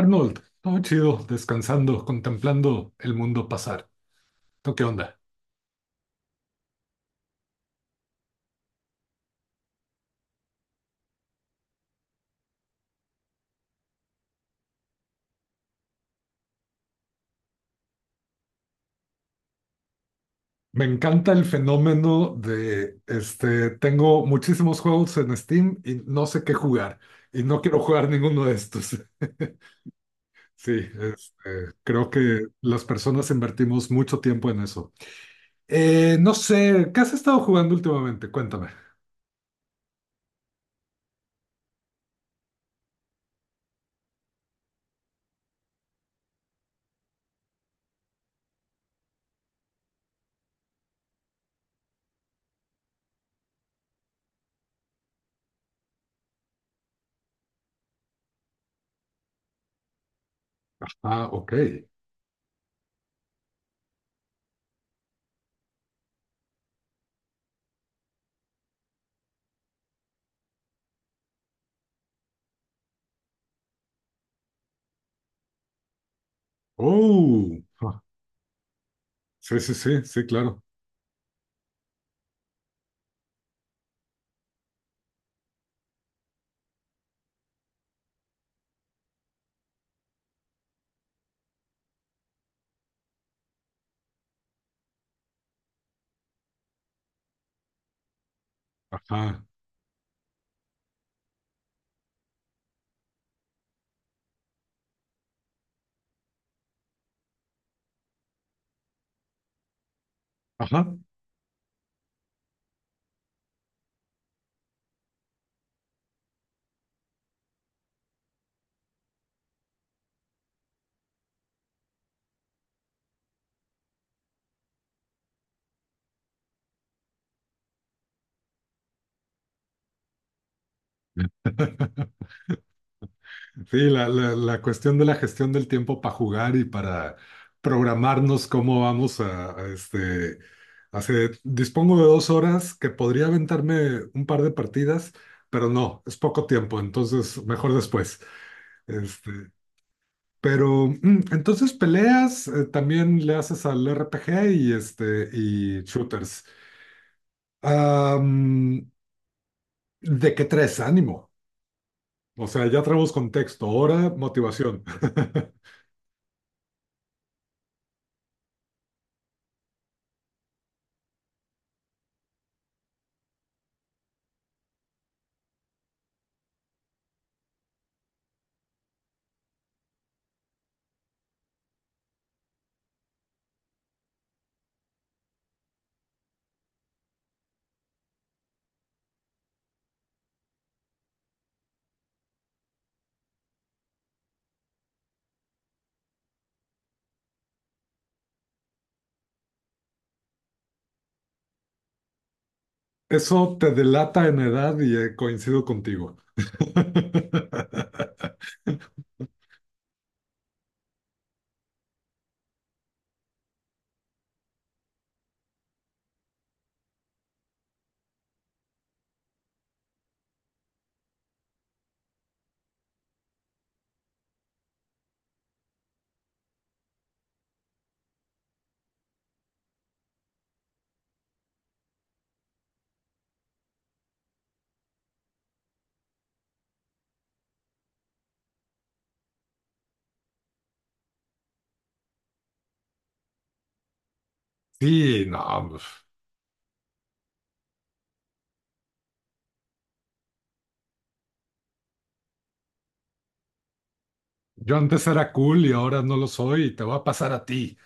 Arnold, todo chido, descansando, contemplando el mundo pasar. ¿Tú qué onda? Me encanta el fenómeno de, este, tengo muchísimos juegos en Steam y no sé qué jugar y no quiero jugar ninguno de estos. Sí, este, creo que las personas invertimos mucho tiempo en eso. No sé, ¿qué has estado jugando últimamente? Cuéntame. Ah, ok. Oh, ah, sí, sí, sí, sí, claro. Ajá, ajá. Sí, la cuestión de la gestión del tiempo para jugar y para programarnos cómo vamos a, este, hace, dispongo de 2 horas que podría aventarme un par de partidas, pero no, es poco tiempo, entonces mejor después. Este, pero mm, entonces peleas, también le haces al RPG y este y shooters. Am, ¿de qué tres? Ánimo. O sea, ya traemos contexto, hora, motivación. Eso te delata en edad y coincido contigo. Sí, no, pues, yo antes era cool y ahora no lo soy y te va a pasar a ti.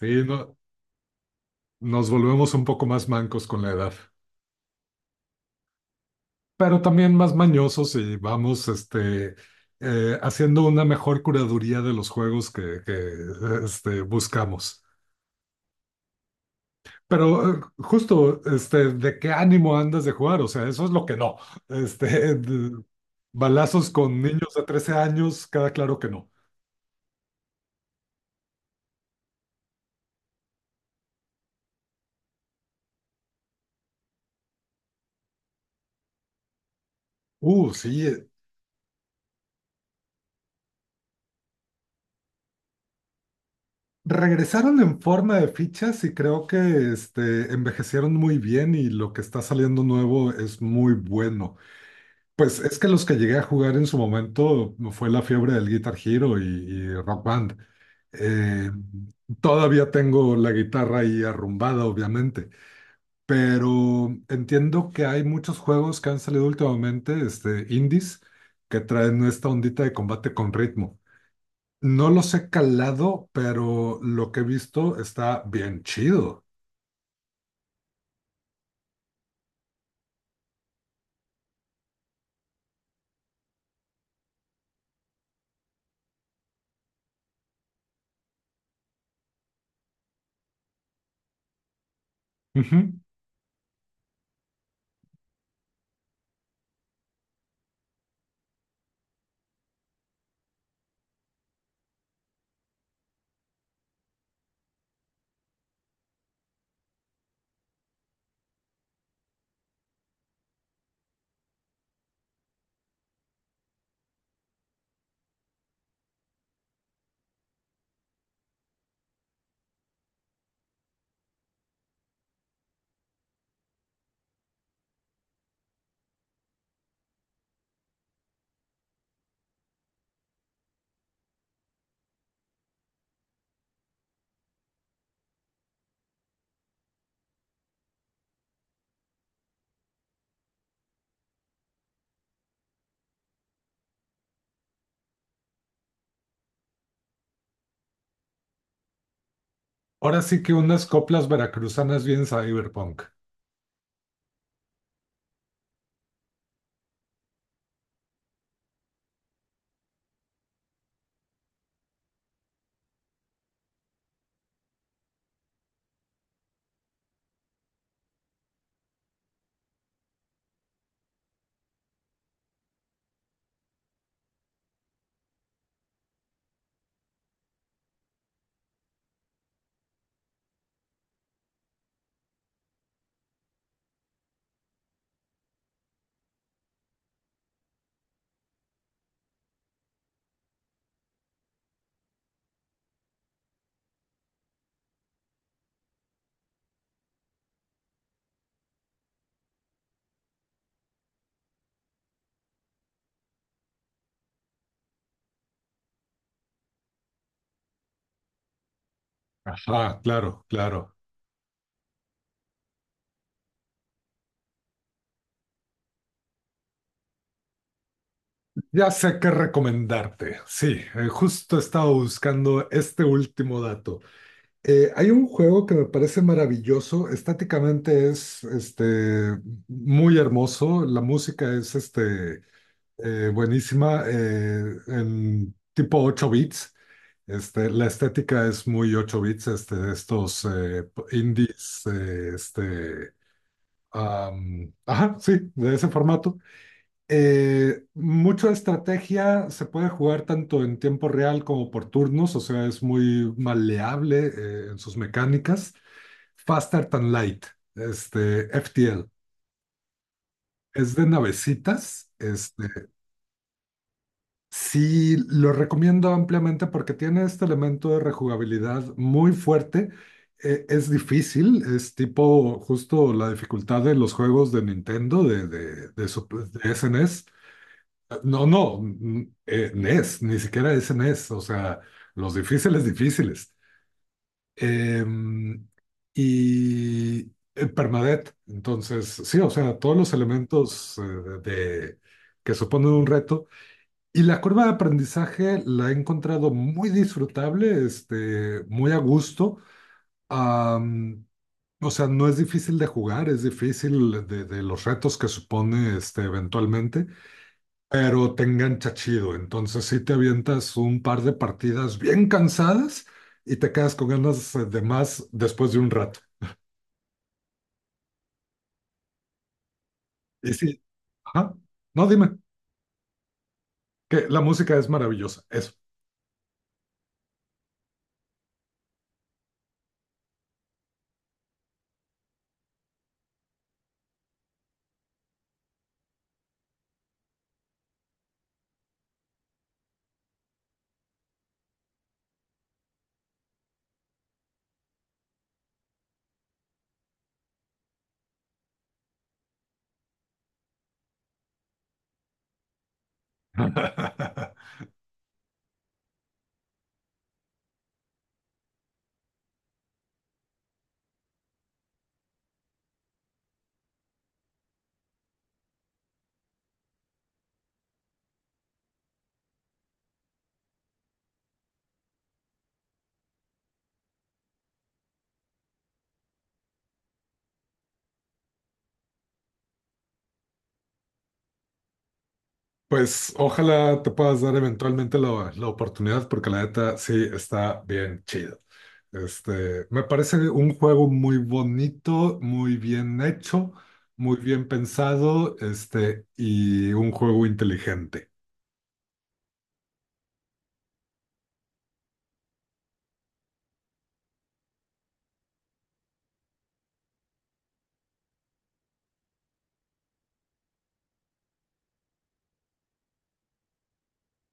Sí, no, nos volvemos un poco más mancos con la edad, pero también más mañosos y vamos haciendo una mejor curaduría de los juegos este, buscamos. Pero justo, este, ¿de qué ánimo andas de jugar? O sea, eso es lo que no. Este, de- balazos con niños de 13 años, cada claro que no. Sí, regresaron en forma de fichas y creo que este, envejecieron muy bien y lo que está saliendo nuevo es muy bueno. Pues es que los que llegué a jugar en su momento fue la fiebre del Guitar Hero y Rock Band. Eh, todavía tengo la guitarra ahí arrumbada, obviamente. Pero entiendo que hay muchos juegos que han salido últimamente, este, indies, que traen esta ondita de combate con ritmo. No los he calado, pero lo que he visto está bien chido. Ujú. Ahora sí que unas coplas veracruzanas bien cyberpunk. Ah, claro, claro. Ya sé qué recomendarte. Sí, justo estaba buscando este último dato. Hay un juego que me parece maravilloso, estáticamente es este, muy hermoso, la música es este, buenísima, en tipo 8 bits, este, la estética es muy 8 bits, este, de estos p- indies, este, am, ajá, sí, de ese formato. Mucho de estrategia se puede jugar tanto en tiempo real como por turnos, o sea, es muy maleable en sus mecánicas. Faster Than Light, este, FTL. Es de navecitas. Este, sí, lo recomiendo ampliamente porque tiene este elemento de rejugabilidad muy fuerte. Es difícil, es tipo justo la dificultad de los juegos de Nintendo, su- de SNES. No, no, mm, NES, ni siquiera SNES, o sea, los difíciles, difíciles. Em, y Permadeath. Entonces, sí, o sea, todos los elementos de, que suponen un reto. Y la curva de aprendizaje la he encontrado muy disfrutable, este, muy a gusto. Am, o sea, no es difícil de jugar, es difícil de los retos que supone este, eventualmente pero te engancha chido. Entonces sí te avientas un par de partidas bien cansadas y te quedas con ganas de más después de un rato. Y sí, ajá. No, dime, que la música es maravillosa, eso. Pues ojalá te puedas dar eventualmente la oportunidad porque la neta sí está bien chido. Este, me parece un juego muy bonito, muy bien hecho, muy bien pensado, este, y un juego inteligente.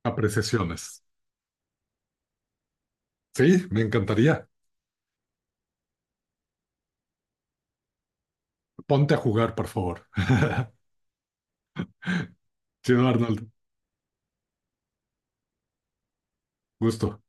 Apreciaciones. Sí, me encantaría. Ponte a jugar, por favor. Chido, Arnold. Gusto.